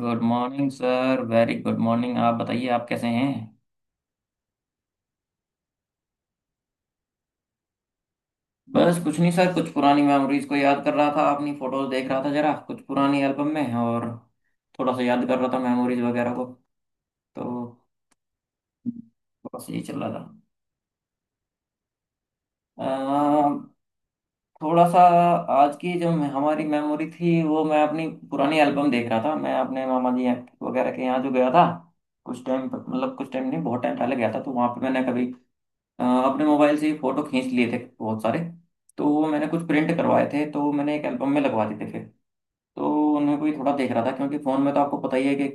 Good morning sir. Very good morning. आप बताइए आप कैसे हैं। बस कुछ नहीं सर, कुछ पुरानी मेमोरीज को याद कर रहा था, अपनी फोटोज देख रहा था जरा, कुछ पुरानी एल्बम में। और थोड़ा सा याद कर रहा था मेमोरीज वगैरह को। तो थोड़ा सा ये चल रहा था। अम, थोड़ा सा आज की जो हमारी मेमोरी थी, वो मैं अपनी पुरानी एल्बम देख रहा था। मैं अपने मामा जी वगैरह के यहाँ जो गया था, कुछ टाइम मतलब कुछ टाइम नहीं, बहुत टाइम पहले गया था। तो वहाँ पे मैंने कभी अपने मोबाइल से ही फोटो खींच लिए थे बहुत सारे। तो वो मैंने कुछ प्रिंट करवाए थे, तो मैंने एक एल्बम में लगवा दिए थे फिर। तो उनमें कोई थोड़ा देख रहा था, क्योंकि फ़ोन में तो आपको पता ही है कि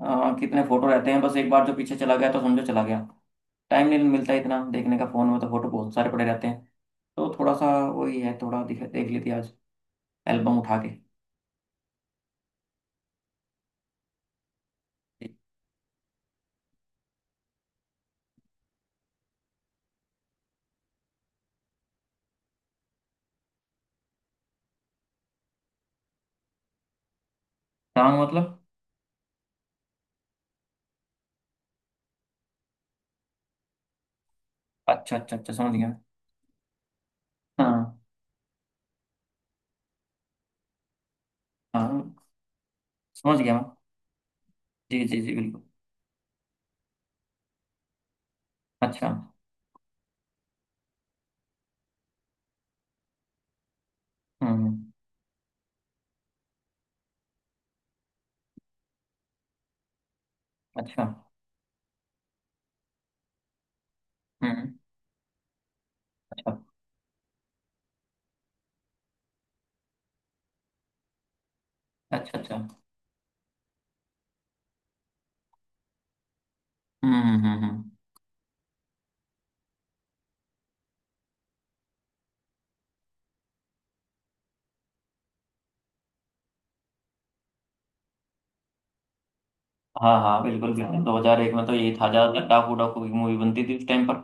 कितने फ़ोटो रहते हैं। बस एक बार जो पीछे चला गया तो समझो चला गया। टाइम नहीं मिलता इतना देखने का, फ़ोन में तो फ़ोटो बहुत सारे पड़े रहते हैं। तो थोड़ा सा वही है, थोड़ा दिख देख ली थी आज एल्बम उठा के। हाँ मतलब। अच्छा, अच्छा, अच्छा, समझ गया। हाँ। हाँ। समझ गया मैं। जी जी जी, बिल्कुल। अच्छा। हम्म। हम्म। अच्छा। हम्म। अच्छा, अच्छा, अच्छा। हम्म। हम्म। हम्म। हम्म। हाँ हाँ, बिल्कुल बिल्कुल, 2001 में तो यही था, ज्यादातर डाकू डाकू की मूवी बनती थी उस टाइम पर।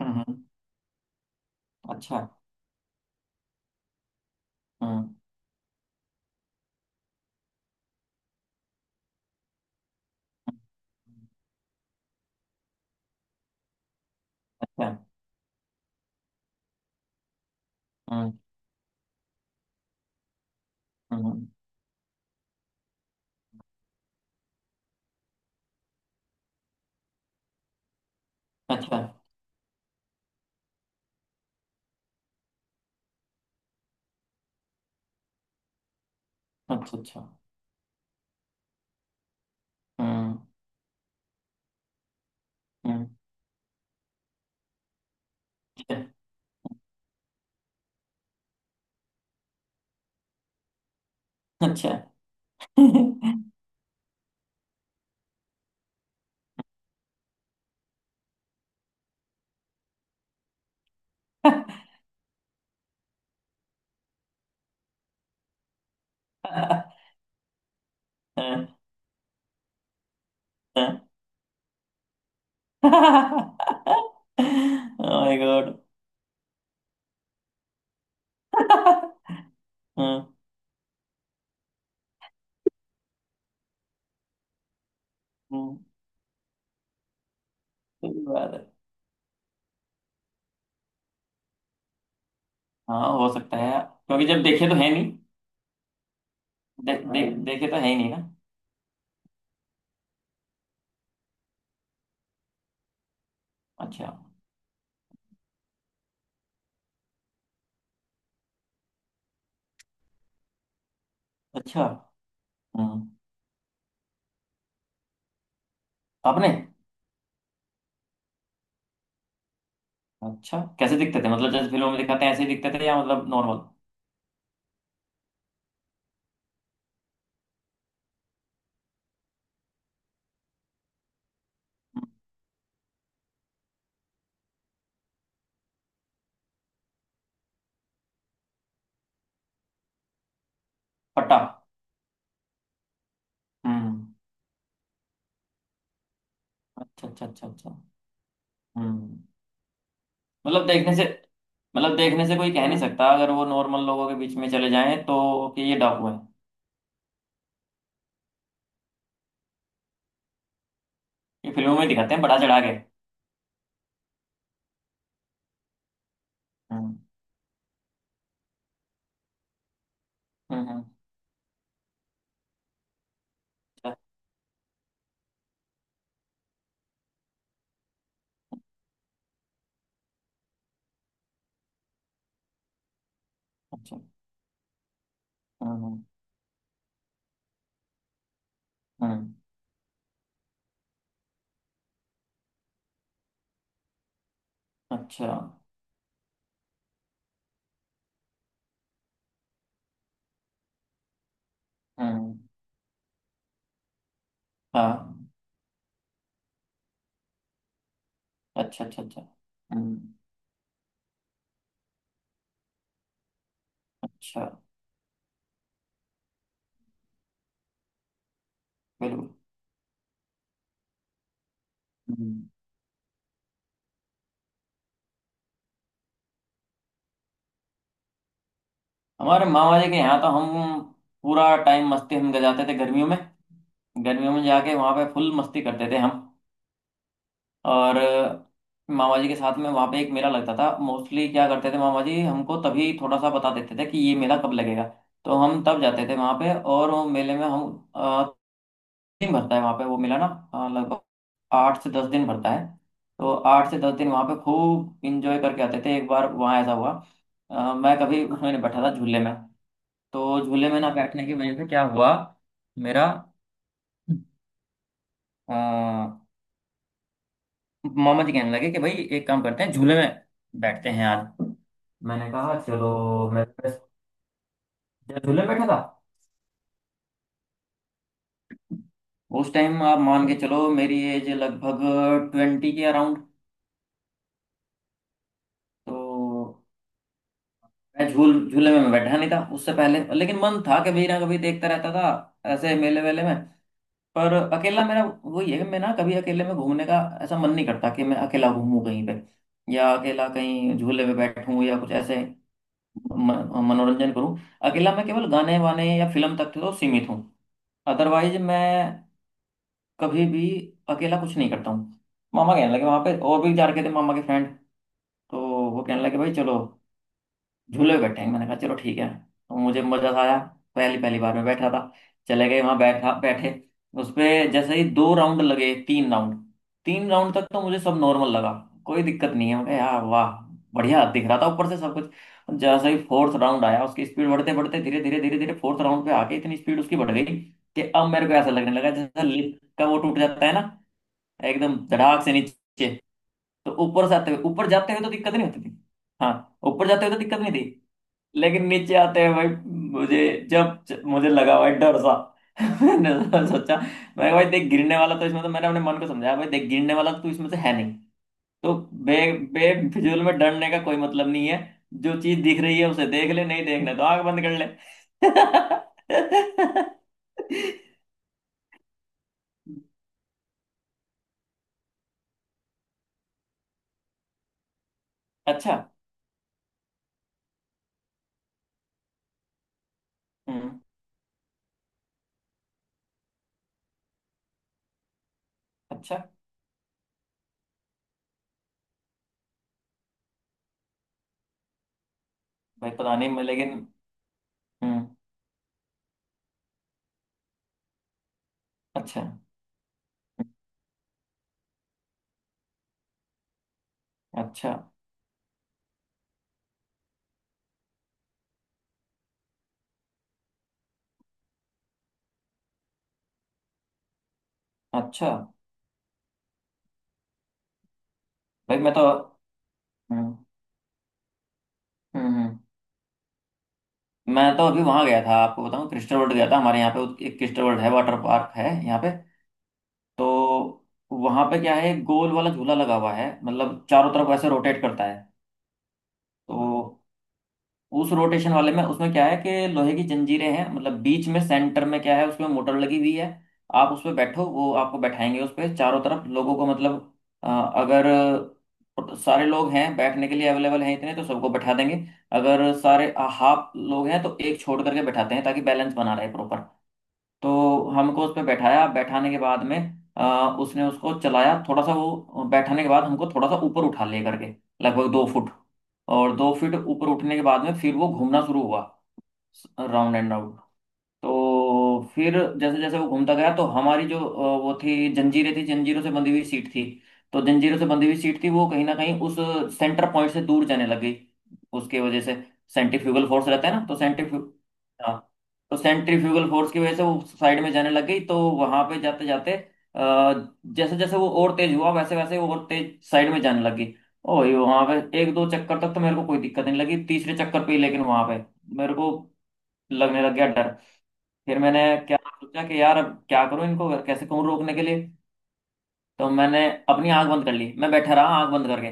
हम्म। हम्म। अच्छा। हम्म। हम्म। अच्छा। हम्म। हम्म। हम्म। अच्छा, अच्छा, अच्छा। हम्म। हम्म। अच्छा। My God. हम्म। हम्म। सही बात है। हाँ हो सकता है, क्योंकि जब देखे तो है नहीं। दे, दे, देखे तो है ही नहीं ना। अच्छा। अच्छा। हम्म। आपने। अच्छा, कैसे दिखते थे? मतलब जैसे फिल्मों में दिखाते हैं ऐसे ही दिखते थे, या मतलब नॉर्मल? पट्टा। हम्म। अच्छा, अच्छा, अच्छा, अच्छा। हम्म। मतलब देखने से। मतलब देखने से कोई कह नहीं सकता, अगर वो नॉर्मल लोगों के बीच में चले जाएं, तो कि ये डाकू है। ये फिल्मों में दिखाते हैं बढ़ा चढ़ा के। हम्म। हम्म। हम्म। अच्छा। अच्छा। हम्म। हम्म। हम्म। अच्छा। हम्म। हाँ। अच्छा, अच्छा, अच्छा। हम्म। अच्छा। बिल्कुल। हम्म। हमारे मामा जी के यहाँ तो हम पूरा टाइम मस्ती हम गजाते थे गर्मियों में। गर्मियों में जाके वहाँ पे फुल मस्ती करते थे हम। और मामा जी के साथ में वहाँ पे एक मेला लगता था मोस्टली, क्या करते थे मामा जी हमको तभी थोड़ा सा बता देते थे कि ये मेला कब लगेगा। तो हम तब जाते थे वहाँ पे, और वो मेले में हम दिन भरता है वहाँ पे वो मेला ना, लगभग 8 से 10 दिन भरता है। तो 8 से 10 दिन वहाँ पे खूब इंजॉय करके आते थे। एक बार वहाँ ऐसा हुआ, मैं कभी उसमें नहीं बैठा था, झूले में। तो झूले में ना बैठने की वजह से क्या हुआ, मेरा अ, मामा जी कहने लगे कि भाई एक काम करते हैं, झूले में बैठते हैं आज। मैंने कहा चलो। मैं बस, जब झूले में बैठा था। उस टाइम आप मान के चलो मेरी एज लगभग 20 के अराउंड। तो मैं झूले में मैं बैठा नहीं था उससे पहले, लेकिन मन था, कभी ना कभी देखता रहता था ऐसे मेले वेले में। पर अकेला, मेरा वो ये है कि मैं ना कभी अकेले में घूमने का, ऐसा मन नहीं करता कि मैं अकेला घूमूं कहीं पे, या अकेला कहीं झूले पे बैठूं, या कुछ ऐसे मनोरंजन करूं। अकेला मैं केवल गाने वाने या फिल्म तक तो सीमित हूँ। अदरवाइज मैं कभी भी अकेला कुछ नहीं करता हूँ। मामा कहने लगे, वहां पे और भी जा रखे थे मामा के फ्रेंड, तो वो कहने लगे भाई चलो, झूले पे बैठेंगे। मैंने कहा चलो ठीक है। तो मुझे मजा सा आया, पहली पहली बार में बैठा था। चले गए वहां, बैठा बैठे उसपे, जैसे ही 2 राउंड लगे, 3 राउंड, 3 राउंड तक तो मुझे सब नॉर्मल लगा, कोई दिक्कत नहीं है। मैं कहा, यार वाह, बढ़िया दिख रहा था ऊपर से सब कुछ। जैसे ही फोर्थ राउंड आया, उसकी स्पीड बढ़ते बढ़ते, धीरे धीरे धीरे धीरे फोर्थ राउंड पे आके इतनी स्पीड उसकी बढ़ गई कि अब मेरे को ऐसा लगने लगा जैसे लिफ्ट का वो टूट जाता है ना, एकदम धड़ाक से नीचे। तो ऊपर से आते हुए, ऊपर जाते हुए तो दिक्कत नहीं होती थी। हाँ। ऊपर जाते हुए तो दिक्कत नहीं थी, लेकिन नीचे आते हैं भाई, मुझे जब जब मुझे लगा भाई डर सा, मैंने सोचा, मैं भाई देख, गिरने वाला तो इसमें तो, मैंने अपने मन को समझाया भाई देख गिरने वाला तो इसमें से है नहीं। तो बे बेफिजूल में डरने का कोई मतलब नहीं है। जो चीज दिख रही है उसे देख ले, नहीं देखना तो आंख बंद कर ले। अच्छा। हम्म। अच्छा। भाई पता नहीं मैं, लेकिन। हम्म। अच्छा। हम्म। अच्छा। अच्छा। भाई मैं तो। हम्म। हम्म। हम्म। मैं तो अभी वहां गया था आपको बताऊं, क्रिस्टल वर्ल्ड गया था, हमारे यहाँ पे एक क्रिस्टल वर्ल्ड है, वाटर पार्क है यहाँ पे। तो वहां पे क्या है, एक गोल वाला झूला लगा हुआ है, मतलब चारों तरफ ऐसे रोटेट करता है। तो उस रोटेशन वाले में, उसमें क्या है कि लोहे की जंजीरें हैं, मतलब बीच में सेंटर में क्या है उसमें मोटर लगी हुई है। आप उस पर बैठो, वो आपको बैठाएंगे उस पर चारों तरफ, लोगों को मतलब अ, अगर सारे लोग हैं बैठने के लिए अवेलेबल हैं इतने, तो सबको बैठा देंगे। अगर सारे हाफ लोग हैं तो एक छोड़ करके बैठाते हैं, ताकि बैलेंस बना रहे प्रॉपर। तो हमको उस पर बैठाया, बैठाने के बाद में अ, उसने उसको चलाया थोड़ा सा, वो बैठाने के बाद हमको थोड़ा सा ऊपर उठा ले करके, लगभग 2 फुट, और 2 फीट ऊपर उठने के बाद में फिर वो घूमना शुरू हुआ, राउंड एंड राउंड। तो फिर जैसे जैसे वो घूमता गया, तो हमारी जो वो थी जंजीरें थी, जंजीरों से बंधी हुई सीट थी। तो जंजीरों से बंधी हुई सीट थी, वो कहीं ना कहीं उस सेंटर पॉइंट से दूर जाने लगी, उसके वजह से सेंट्रीफ्यूगल फोर्स रहता है ना, तो सेंट्रीफ्यू। हाँ। तो सेंट्रीफ्यूगल फोर्स की वजह से वो साइड में जाने लग गई, तो वहां पे जाते जाते, जैसे जैसे वो और तेज हुआ वैसे वैसे वो और तेज साइड में जाने लगी। ओ ये वहां पे एक दो चक्कर तक तो मेरे को कोई दिक्कत नहीं लगी, तीसरे चक्कर पे ही लेकिन वहां पे मेरे को लगने लग गया डर। फिर मैंने क्या सोचा कि यार अब क्या करूं, इनको कैसे कहूं रोकने के लिए। तो मैंने अपनी आंख बंद कर ली, मैं बैठा रहा आंख बंद करके।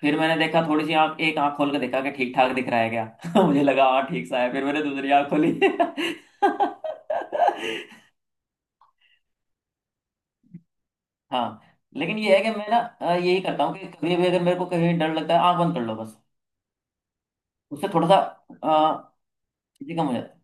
फिर मैंने देखा थोड़ी सी आंख, एक आंख खोल के देखा कि ठीक ठाक दिख रहा है क्या। मुझे लगा हाँ ठीक सा है, फिर मैंने दूसरी आंख खोली। हाँ। लेकिन ये है कि मैं ना, यही करता हूँ कि कभी भी अगर मेरे को कहीं डर लगता है, आंख बंद कर लो बस। उससे थोड़ा सा अ, चीजें कम हो जाती है।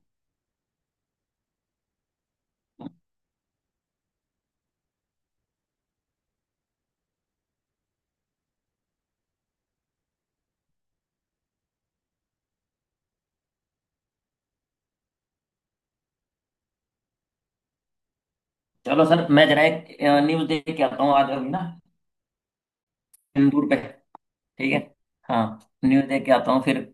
चलो सर, मैं जरा एक न्यूज देख के आता हूँ आज अभी ना। इंदूर पे। ठीक है। हाँ। न्यूज देख के आता हूँ फिर।